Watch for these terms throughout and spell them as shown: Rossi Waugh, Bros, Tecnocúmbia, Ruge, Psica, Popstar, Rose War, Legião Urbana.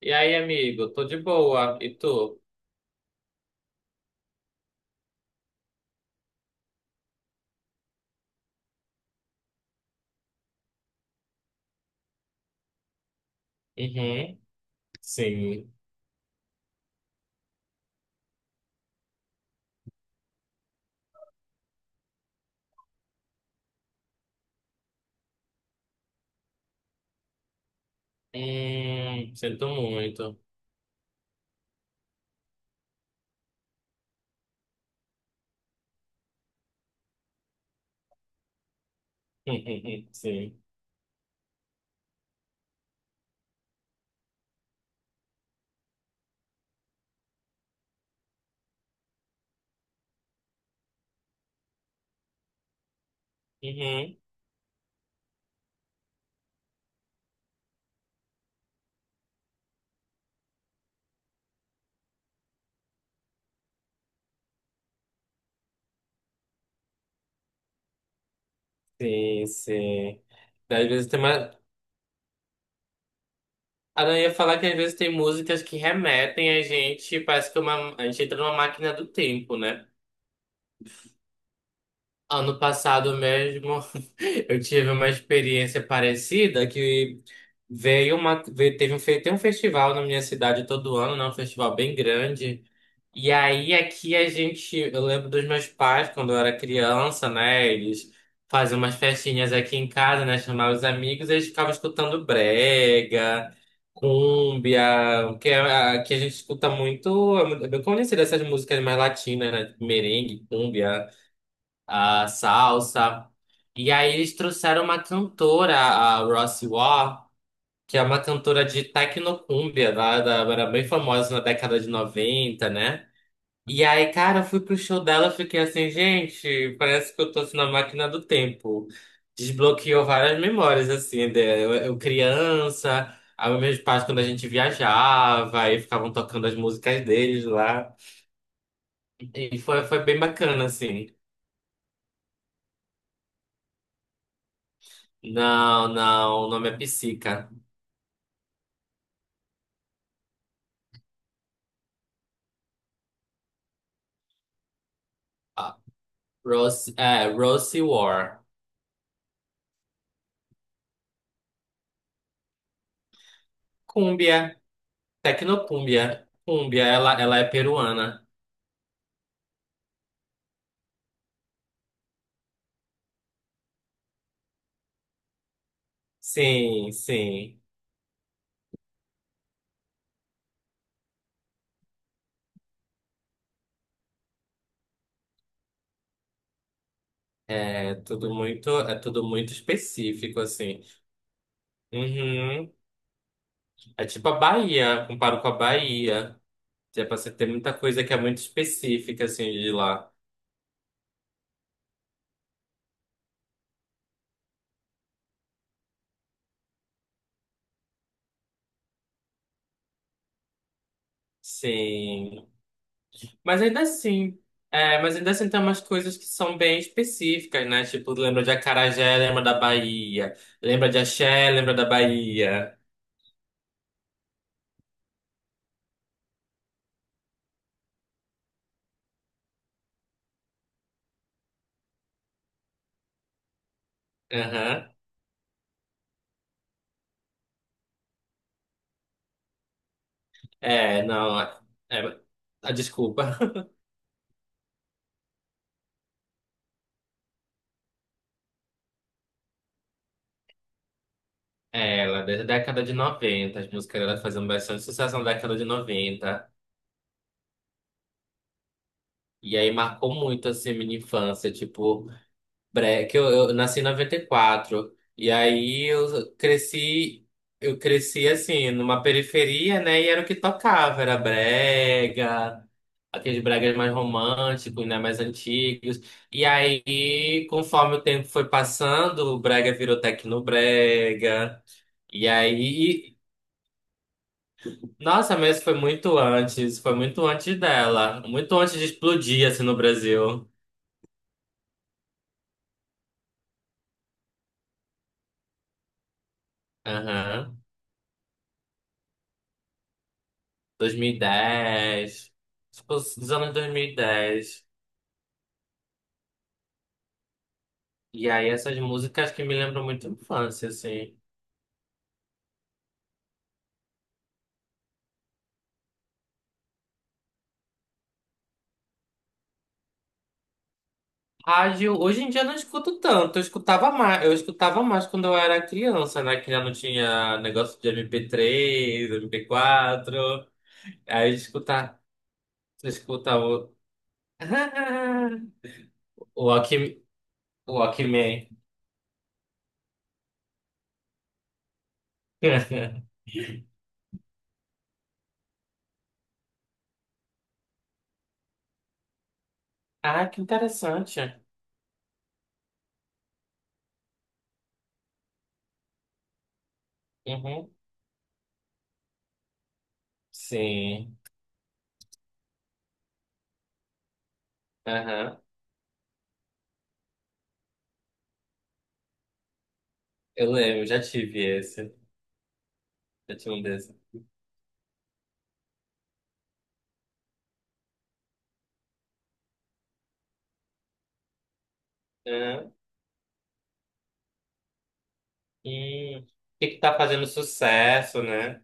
E aí, amigo? Tô de boa. E tu? Uhum. Sim. Sinto muito. Sim. Uhum. Sim, sim. Às vezes tem uma... Ah, não, eu ia falar que às vezes tem músicas que remetem a gente, parece que a gente entra numa máquina do tempo, né? Ano passado mesmo, eu tive uma experiência parecida que veio uma... veio- Teve um... fe- tem um festival na minha cidade todo ano, né? Um festival bem grande. E aí aqui a gente, Eu lembro dos meus pais quando eu era criança, né? Eles faziam umas festinhas aqui em casa, né? Chamavam os amigos, eles ficavam escutando brega, cúmbia, que a gente escuta muito, é bem conhecida essas músicas mais latinas, né? Tipo Merengue, cúmbia, a salsa. E aí eles trouxeram uma cantora, a Rossi Waugh, que é uma cantora de tecnocúmbia, era bem famosa na década de 90, né? E aí, cara, eu fui pro show dela, fiquei assim, gente, parece que eu tô assim, na máquina do tempo. Desbloqueou várias memórias, assim, eu criança, aí meus pais quando a gente viajava, aí ficavam tocando as músicas deles lá. E foi bem bacana, assim. Não, não, o nome é Psica. Ah, Rose, é, Rose War. Cúmbia, tecnocúmbia. Cúmbia, ela é peruana. Sim, sim. É tudo muito específico, assim. Uhum. É tipo a Bahia, comparo com a Bahia. Já pra você ter muita coisa que é muito específica, assim, de lá. Sim. Mas ainda assim, mas ainda assim tem umas coisas que são bem específicas, né? Tipo, lembra de acarajé, lembra da Bahia. Lembra de axé, lembra da Bahia. Aham. É, não. É, ah, desculpa. É, ela, desde a década de 90 as músicas dela faziam bastante sucesso na década de 90. E aí marcou muito assim a minha infância, tipo, que eu nasci em 94. E quatro. E aí eu cresci assim, numa periferia, né? E era o que tocava, era brega, aqueles bregas mais românticos, né? Mais antigos. E aí, conforme o tempo foi passando, o brega virou tecnobrega. E aí, nossa, mas foi muito antes dela, muito antes de explodir assim no Brasil. Aham. 2010, tipo, os anos 2010. E dez. E aí essas músicas que me lembram muito a infância, assim. Rádio, hoje em dia eu não escuto tanto, eu escutava mais quando eu era criança, né? Que já não tinha negócio de MP3, MP4. Aí escutar o o Walkman. o Walkman. Ah, que interessante. Uhum. Sim. Aham. Eu lembro, já tive esse. Já tive um desses. O que que tá fazendo sucesso, né? O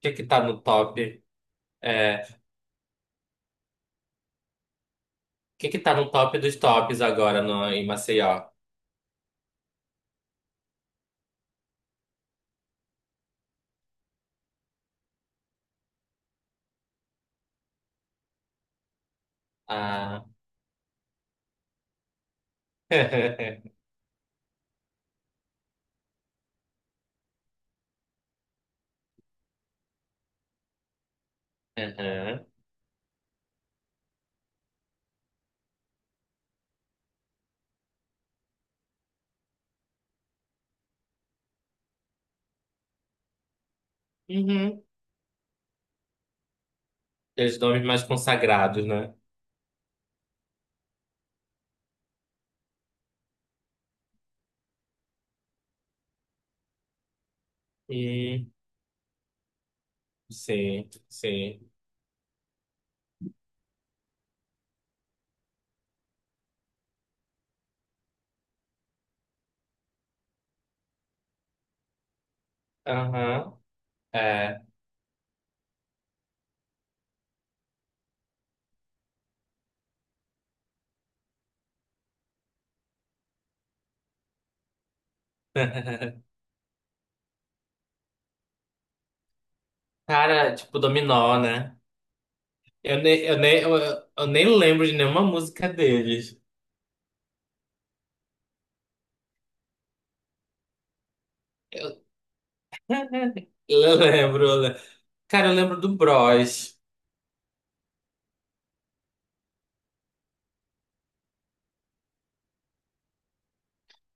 que que tá no top? É, o que que tá no top dos tops agora no, em Maceió? Ah. Aham. Uhum. Aqueles nomes mais consagrados, né? Hum, sim, sim. Aham. É. Cara, tipo Dominó, né? Eu nem, eu nem, eu, eu nem lembro de nenhuma música deles. Eu, eu lembro. Cara, eu lembro do Bros.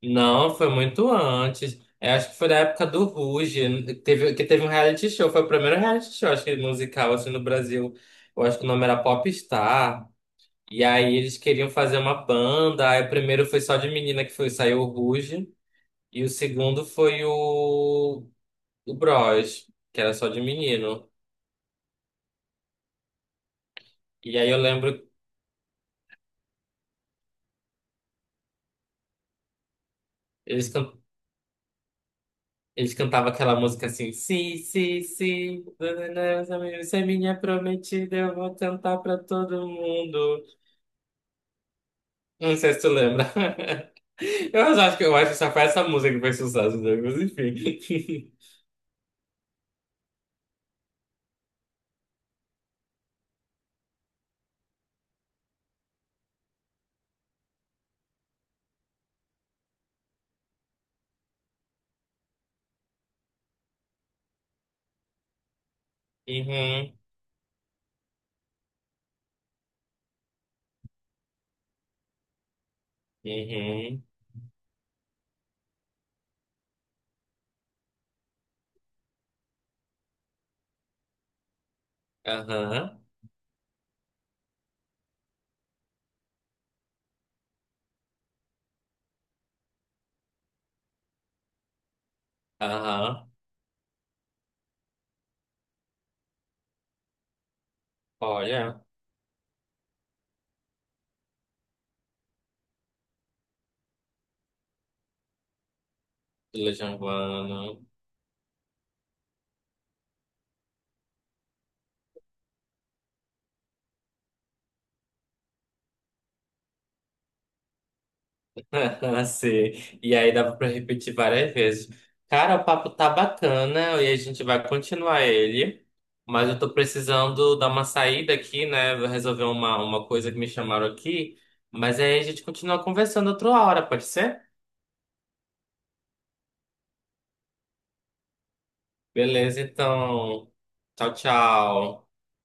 Não, foi muito antes. Eu acho que foi da época do Ruge, que teve um reality show. Foi o primeiro reality show, acho que musical, assim, no Brasil. Eu acho que o nome era Popstar. E aí eles queriam fazer uma banda. Aí o primeiro foi só de menina que foi, saiu o Ruge. E o segundo foi o Bros, que era só de menino. E aí eu lembro, eles, can, eles cantavam aquela música assim, sim, sim, sim, você é minha prometida, eu vou cantar pra todo mundo. Não sei se tu lembra. Eu acho que só foi essa música que fez sucesso, né? Mas enfim. Uhum, uhum, aham, aham. Olha, Legião Urbana. Sim. E aí dava pra repetir várias vezes. Cara, o papo tá bacana e a gente vai continuar ele. Mas eu tô precisando dar uma saída aqui, né? Vou resolver uma coisa que me chamaram aqui. Mas aí a gente continua conversando outra hora, pode ser? Beleza, então. Tchau, tchau.